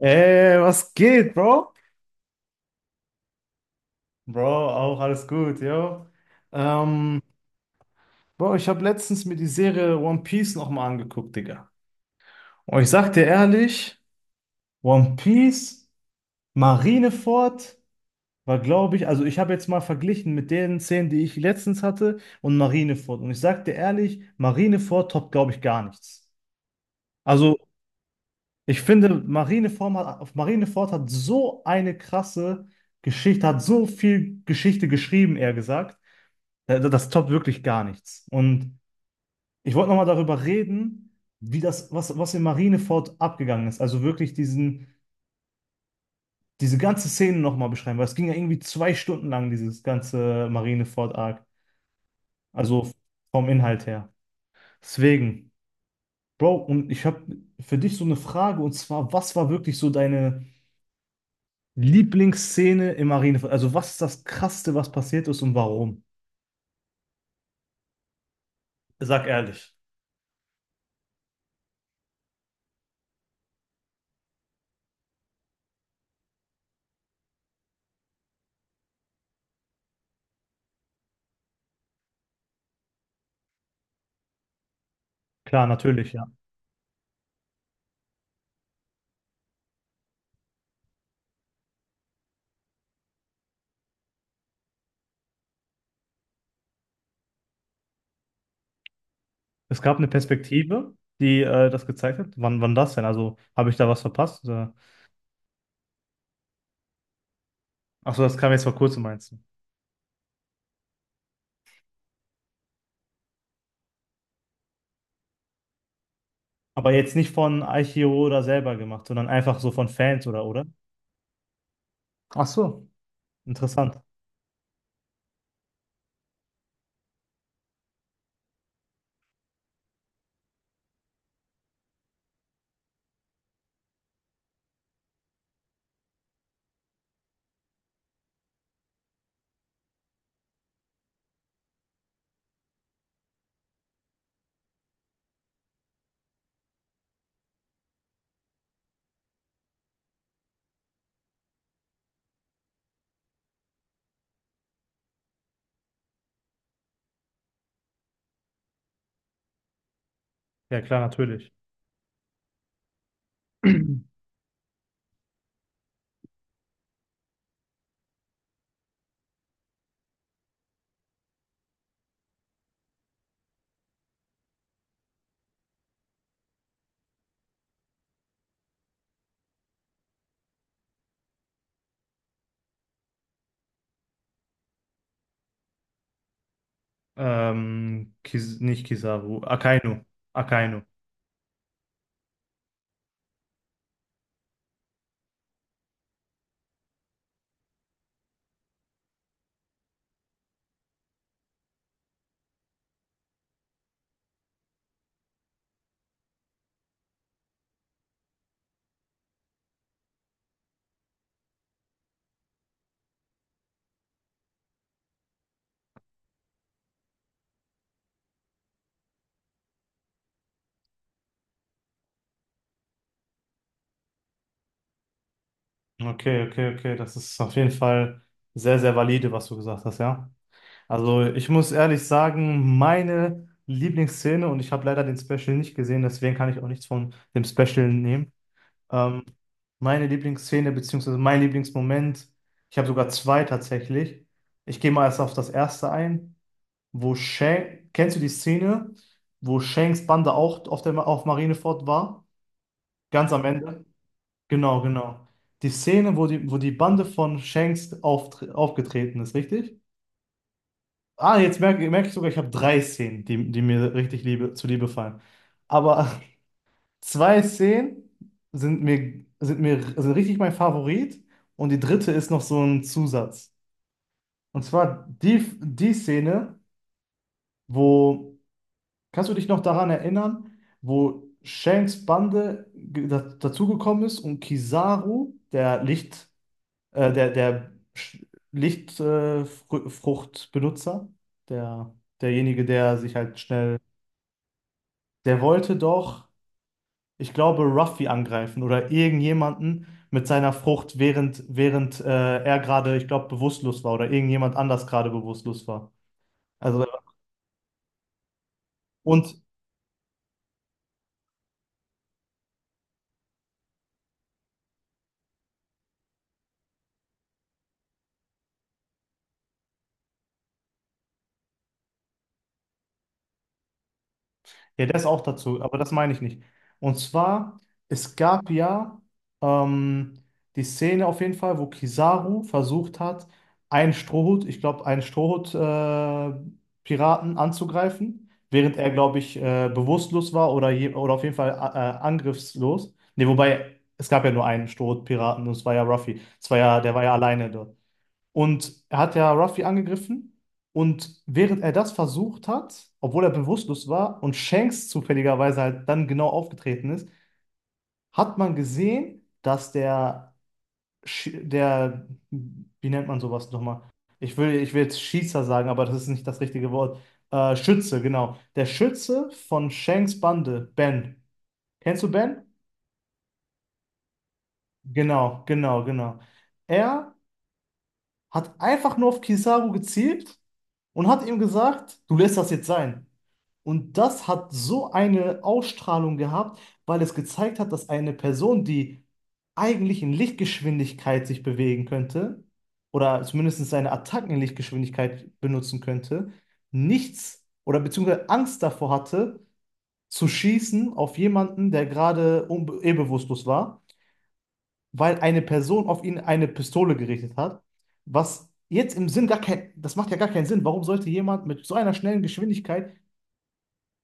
Ey, was geht, Bro? Bro, auch alles gut, yo. Ähm, Bro, ich habe letztens mir die Serie One Piece nochmal angeguckt, Digga. Und ich sag dir ehrlich, One Piece, Marineford war, glaube ich, also ich habe jetzt mal verglichen mit den Szenen, die ich letztens hatte und Marineford. Und ich sag dir ehrlich, Marineford toppt, glaube ich, gar nichts. Also ich finde, Marineford hat, auf Marineford hat so eine krasse Geschichte, hat so viel Geschichte geschrieben, eher gesagt. Das toppt wirklich gar nichts. Und ich wollte nochmal darüber reden, wie das, was in Marineford abgegangen ist. Also wirklich diese ganze Szene nochmal beschreiben, weil es ging ja irgendwie 2 Stunden lang, dieses ganze Marineford-Arc. Also vom Inhalt her. Deswegen, Bro, und ich habe für dich so eine Frage, und zwar, was war wirklich so deine Lieblingsszene in Marineford? Also was ist das Krasseste, was passiert ist und warum? Sag ehrlich. Klar, natürlich, ja. Es gab eine Perspektive, die das gezeigt hat. Wann das denn? Also habe ich da was verpasst? Oder? Ach so, das kam jetzt vor kurzem, meinst du? Aber jetzt nicht von Aichiro oder selber gemacht, sondern einfach so von Fans oder, oder? Ach so. Interessant. Ja, klar, natürlich. Kis nicht Kizaru, Akainu. Akainu. Okay, okay, okay. Das ist auf jeden Fall sehr, sehr valide, was du gesagt hast, ja. Also ich muss ehrlich sagen, meine Lieblingsszene, und ich habe leider den Special nicht gesehen, deswegen kann ich auch nichts von dem Special nehmen. Ähm, Meine Lieblingsszene, beziehungsweise mein Lieblingsmoment, ich habe sogar zwei tatsächlich. Ich gehe mal erst auf das erste ein, wo Shanks, kennst du die Szene, wo Shanks Bande auch auf der, auf Marineford war? Ganz am Ende? Genau, genau. Die Szene, wo die Bande von Shanks aufgetreten ist, richtig? Ah, jetzt merke ich sogar, ich habe drei Szenen, die mir richtig liebe, zuliebe fallen. Aber zwei Szenen sind richtig mein Favorit und die dritte ist noch so ein Zusatz. Und zwar die Szene, wo, kannst du dich noch daran erinnern, wo Shanks Bande dazugekommen ist und Kizaru, der Licht, der Lichtfruchtbenutzer, Fruchtbenutzer, der, derjenige, der sich halt schnell, der wollte doch ich glaube Ruffy angreifen oder irgendjemanden mit seiner Frucht, während er gerade, ich glaube, bewusstlos war oder irgendjemand anders gerade bewusstlos war. Also, und Ja, das auch dazu, aber das meine ich nicht. Und zwar, es gab ja ähm, die Szene auf jeden Fall, wo Kizaru versucht hat, einen Strohhut, ich glaube, einen Strohhut-Piraten anzugreifen, während er, glaube ich, bewusstlos war oder, je, oder auf jeden Fall angriffslos. Ne, wobei, es gab ja nur einen Strohhut-Piraten und es war ja Ruffy. Der war ja alleine dort. Und er hat ja Ruffy angegriffen. Und während er das versucht hat, obwohl er bewusstlos war und Shanks zufälligerweise halt dann genau aufgetreten ist, hat man gesehen, dass der, wie nennt man sowas nochmal? Ich will jetzt Schießer sagen, aber das ist nicht das richtige Wort. Schütze, genau. Der Schütze von Shanks Bande, Ben. Kennst du Ben? Genau, genau, genau. Er hat einfach nur auf Kizaru gezielt und hat ihm gesagt, du lässt das jetzt sein. Und das hat so eine Ausstrahlung gehabt, weil es gezeigt hat, dass eine Person, die eigentlich in Lichtgeschwindigkeit sich bewegen könnte, oder zumindest seine Attacken in Lichtgeschwindigkeit benutzen könnte, nichts oder beziehungsweise Angst davor hatte, zu schießen auf jemanden, der gerade bewusstlos war, weil eine Person auf ihn eine Pistole gerichtet hat, was jetzt im Sinn gar kein, das macht ja gar keinen Sinn. Warum sollte jemand mit so einer schnellen Geschwindigkeit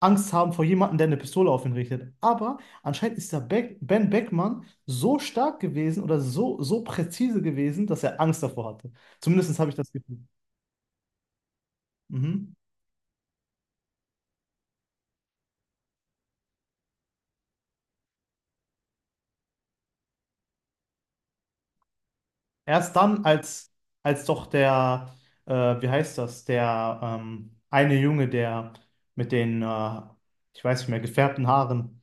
Angst haben vor jemandem, der eine Pistole auf ihn richtet? Aber anscheinend ist der Ben Beckmann so stark gewesen oder so, so präzise gewesen, dass er Angst davor hatte. Zumindest habe ich das Gefühl. Mhm. Erst dann, als doch der, äh, wie heißt das, der eine Junge, der mit ich weiß nicht mehr, gefärbten Haaren,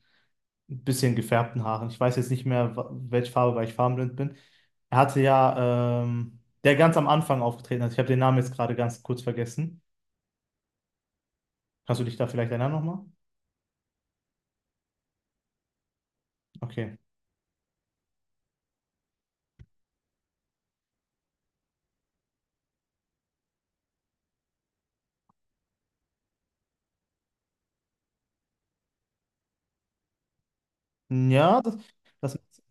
ein bisschen gefärbten Haaren. Ich weiß jetzt nicht mehr, welche Farbe, weil ich farbenblind bin. Er hatte ja, der ganz am Anfang aufgetreten hat. Ich habe den Namen jetzt gerade ganz kurz vergessen. Kannst du dich da vielleicht erinnern nochmal? Okay. Ja, das, das,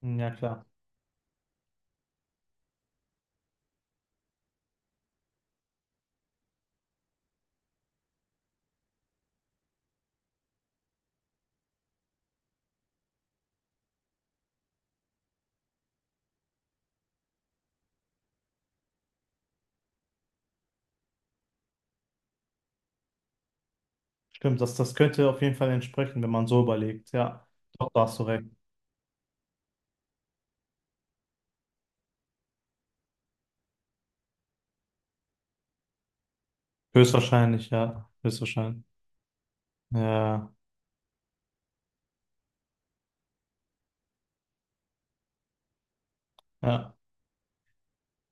ja klar. Stimmt, das könnte auf jeden Fall entsprechen, wenn man so überlegt. Ja, doch, da hast du recht. Höchstwahrscheinlich, ja. Höchstwahrscheinlich. Ja, ja.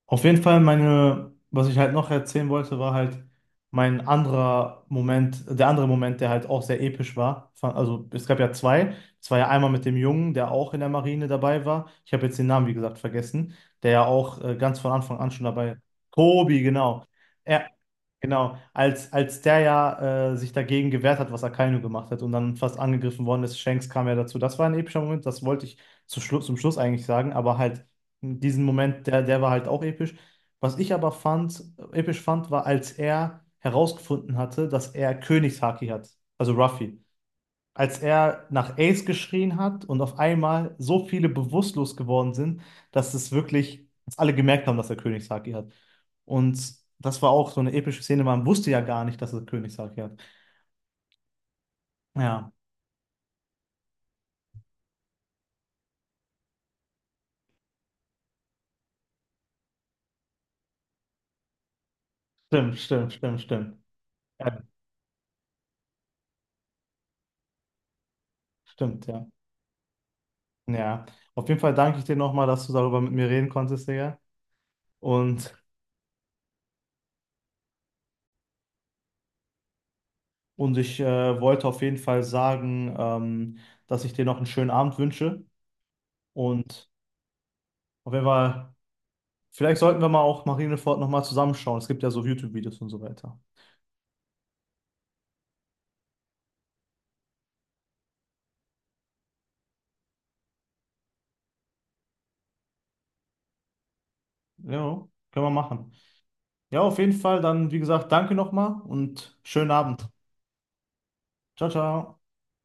Auf jeden Fall meine, was ich halt noch erzählen wollte, war halt der andere Moment, der halt auch sehr episch war. Also es gab ja zwei. Es war ja einmal mit dem Jungen, der auch in der Marine dabei war. Ich habe jetzt den Namen, wie gesagt, vergessen, der ja auch ganz von Anfang an schon dabei. Tobi, genau. Er, Genau, als der ja sich dagegen gewehrt hat, was Akainu gemacht hat und dann fast angegriffen worden ist, Shanks kam ja dazu. Das war ein epischer Moment, das wollte ich zu Schlu zum Schluss eigentlich sagen, aber halt diesen Moment, der war halt auch episch. Was ich aber fand, episch fand, war, als er herausgefunden hatte, dass er Königshaki hat, also Ruffy, als er nach Ace geschrien hat und auf einmal so viele bewusstlos geworden sind, dass es wirklich, dass alle gemerkt haben, dass er König Saki hat. Und das war auch so eine epische Szene, man wusste ja gar nicht, dass er König Saki hat. Ja, stimmt, stimmt, stimmt, stimmt. Ja, stimmt, ja. Ja, auf jeden Fall danke ich dir nochmal, dass du darüber mit mir reden konntest, Digga. Und, und ich wollte auf jeden Fall sagen, dass ich dir noch einen schönen Abend wünsche. Und auf jeden Fall. Vielleicht sollten wir mal auch Marineford nochmal zusammenschauen. Es gibt ja so YouTube-Videos und so weiter. Ja, können wir machen. Ja, auf jeden Fall. Dann, wie gesagt, danke nochmal und schönen Abend. Ciao, ciao.